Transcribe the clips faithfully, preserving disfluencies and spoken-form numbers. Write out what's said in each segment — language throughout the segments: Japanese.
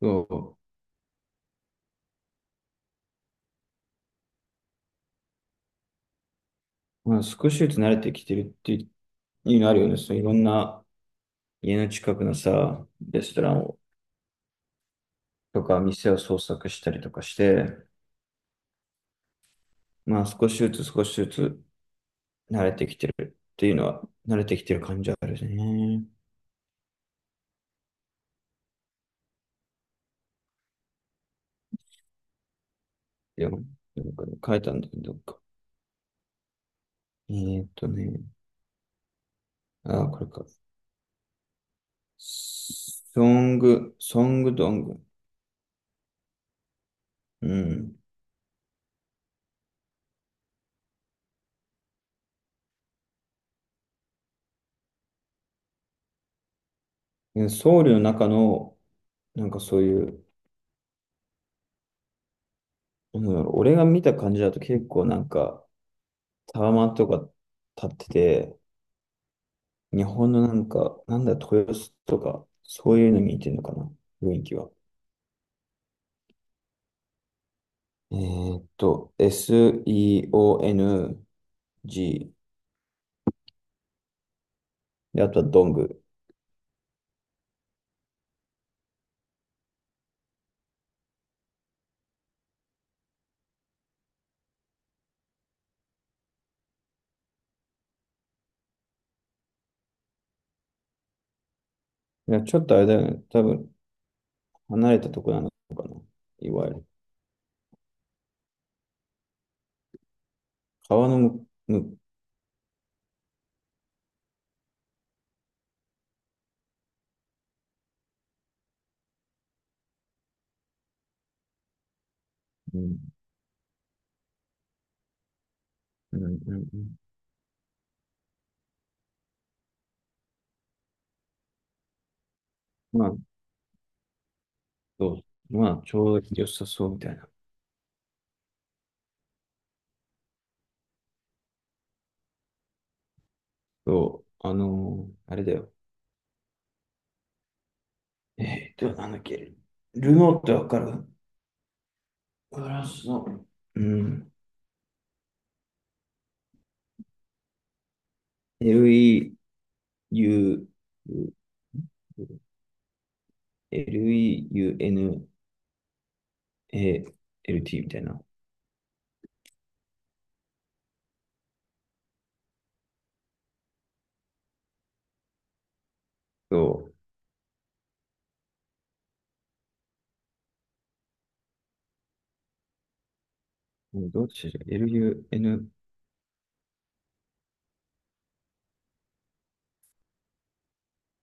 そう。まあ、少しずつ慣れてきてるっていうのあるよね。そう、いろんな家の近くのさ、レストランをとか店を捜索したりとかして、まあ少しずつ少しずつ慣れてきてるっていうのは、慣れてきてる感じはあるね。いや、なんか書いたんだけど、どっか。えーっとね、あ、これか。ソング、ソングドング。うん。ソウルの中の、なんかそういう、なんだろう、俺が見た感じだと結構なんか、タワマンとか建ってて、日本のなんか、なんだ、豊洲とか、そういうのに似てるのかな、雰囲気は。えーっと、エスイーオーエヌジー、で、あとはドング。いや、ちょっとあれだよね、多分、離れたとこなのかな、いわゆる。川のむ、む、うん、うん、うん。うん、まあ、そう、まあ、ちょうど良さそうみたいな。そう、あのーあれだよ。えーっと、なんだっけ。ルノーってわかる？フランスの。うん。エルイーユー、LEUNALT みたいな。そう。どっちだ？ エルユーエヌ、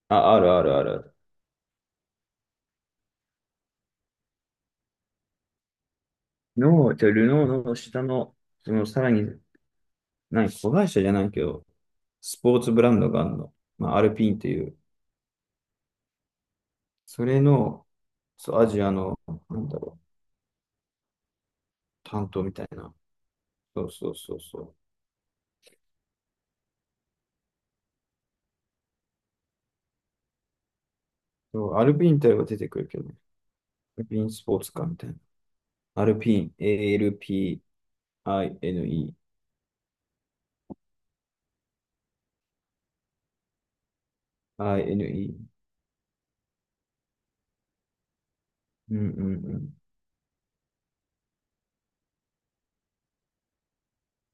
あ、あるあるある。の、じゃあルノーの下の、そのさらに、何、子会社じゃないけど、スポーツブランドがあるの。まあ、アルピーンという、それの、そう、アジアの、なんだろう、担当みたいな。そうそうそうそう。そうアルピーンって言えば出てくるけどね、アルピーンスポーツカーみたいな。アルピーン、ALPINE、アイエヌイー。うんうんうん。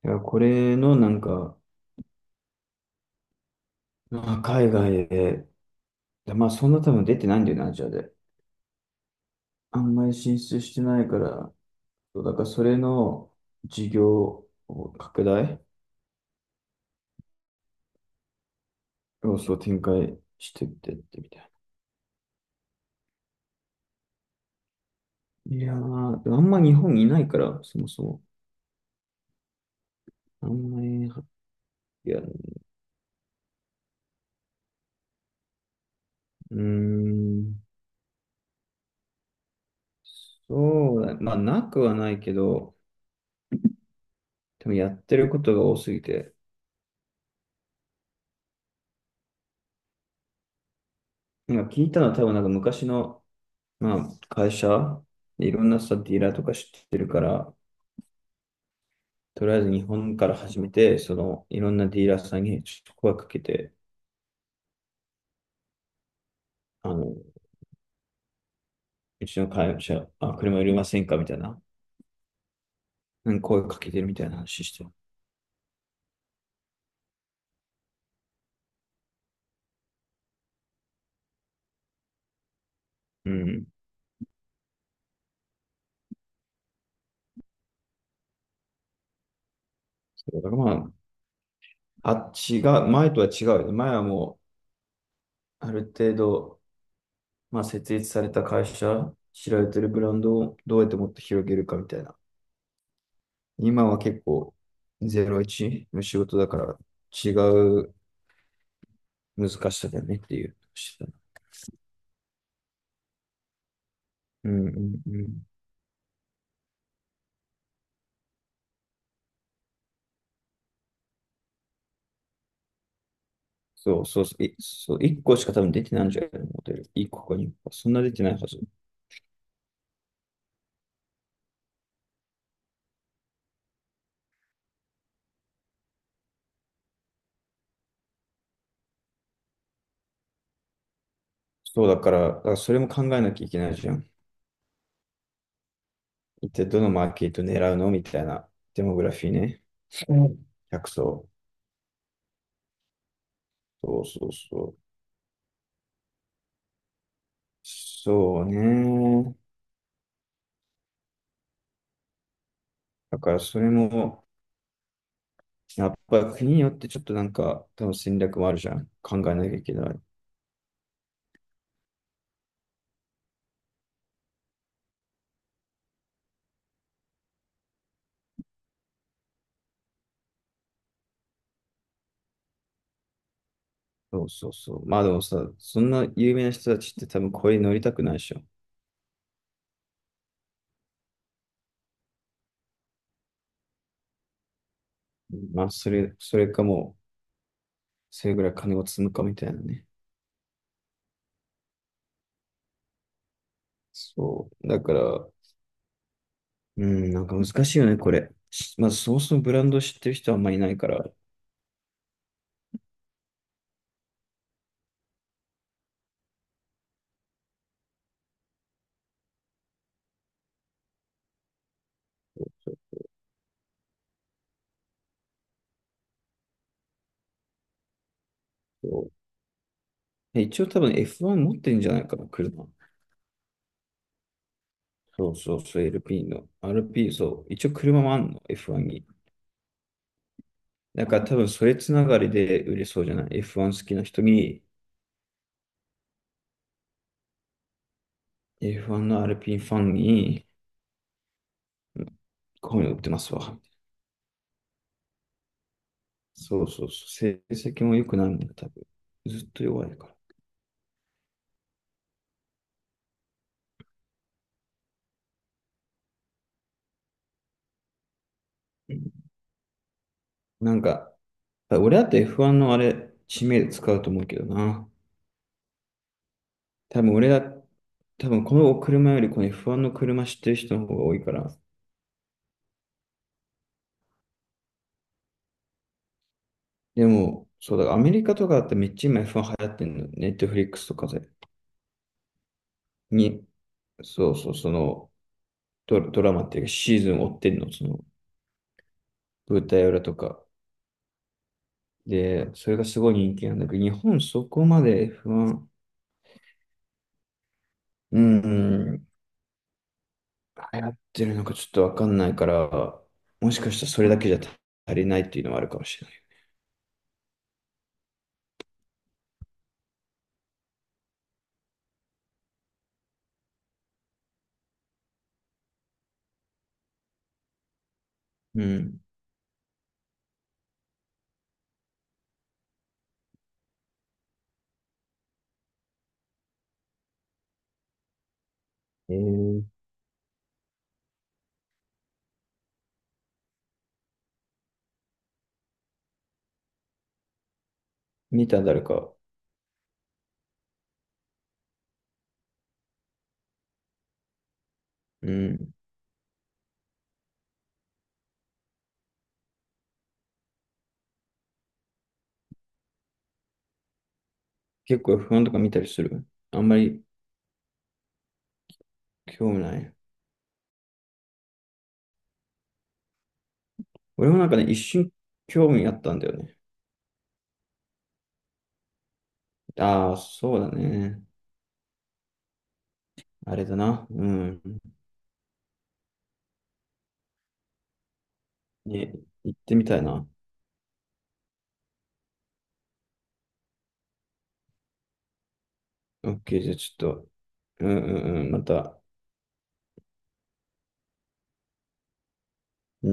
いや、これのなんか、まあ、海外で、まあそんな多分出てないんだよな、アジアで。あんまり進出してないから、そうだからそれの事業を拡大要素をそう展開してってってみたいな。いやー、でもあんま日本にいないから、そもそも。あんまり、いや、うーん、そうだね。まあなくはないけど、多分やってることが多すぎて、今聞いたのは多分なんか昔の、まあ、会社、いろんなさ、ディーラーとか知ってるから、とりあえず日本から始めて、その、いろんなディーラーさんにちょっと声かけて、あの、うちの会社、あ、車いりませんかみたいな、うん声かけてるみたいな話してる。うん。そうだからまあ、あっちが、前とは違うよね。前はもう、ある程度、まあ、設立された会社、知られてるブランドをどうやってもっと広げるかみたいな。今は結構ゼロイチの仕事だから違う難しさだよねっていうしてた。うんうんうん。そうそうそう。いそう、いっこしか多分出てないんじゃないのモデル。いっこかにこか。そんな出てないはず。そうだから、だからそれも考えなきゃいけないじゃん。一体どのマーケット狙うのみたいなデモグラフィーね。うん客層。そうそうそう。そうね。だからそれも、やっぱ国によってちょっとなんか、多分戦略もあるじゃん。考えなきゃいけない。そうそうそう。まあでもさ、そんな有名な人たちって多分これに乗りたくないでしょ。まあそれ、それかもう、それぐらい金を積むかみたいなね。そう。だから、うん、なんか難しいよね、これ。しまあそもそもブランドを知ってる人はあんまりいないから。そう一応多分 エフワン 持ってるんじゃないかな、車。そうそうそう、エルピー の。アールピー、そう。一応車もあんの、エフワン に。だから多分それつながりで売れそうじゃない。エフワン 好きな人に、エフワン の アールピー ファンに、こういうの売ってますわ。そうそうそう、成績も良くないもんね、多分。ずっと弱いから。うんなんか、俺だって エフワン のあれ、知名度使うと思うけどな。多分俺だ、多分この車よりこの エフワン の車知ってる人の方が多いから。でも、そうだ、アメリカとかだってめっちゃ今 エフワン 流行ってんの。ネットフリックスとかで。に、そうそう、そのド、ドラマっていうかシーズン追ってんの、その舞台裏とか。で、それがすごい人気なんだけど、日本そこまで エフワン、うん、流行ってるのかちょっとわかんないから、もしかしたらそれだけじゃ足りないっていうのはあるかもしれない。うん。えー、見た？誰か。うん。結構不安とか見たりする？あんまり興味ない。俺もなんかね、一瞬興味あったんだよね。ああ、そうだね。あれだな。うん。ね、行ってみたいな。OK、じゃあちょっと、うんうんうん、また、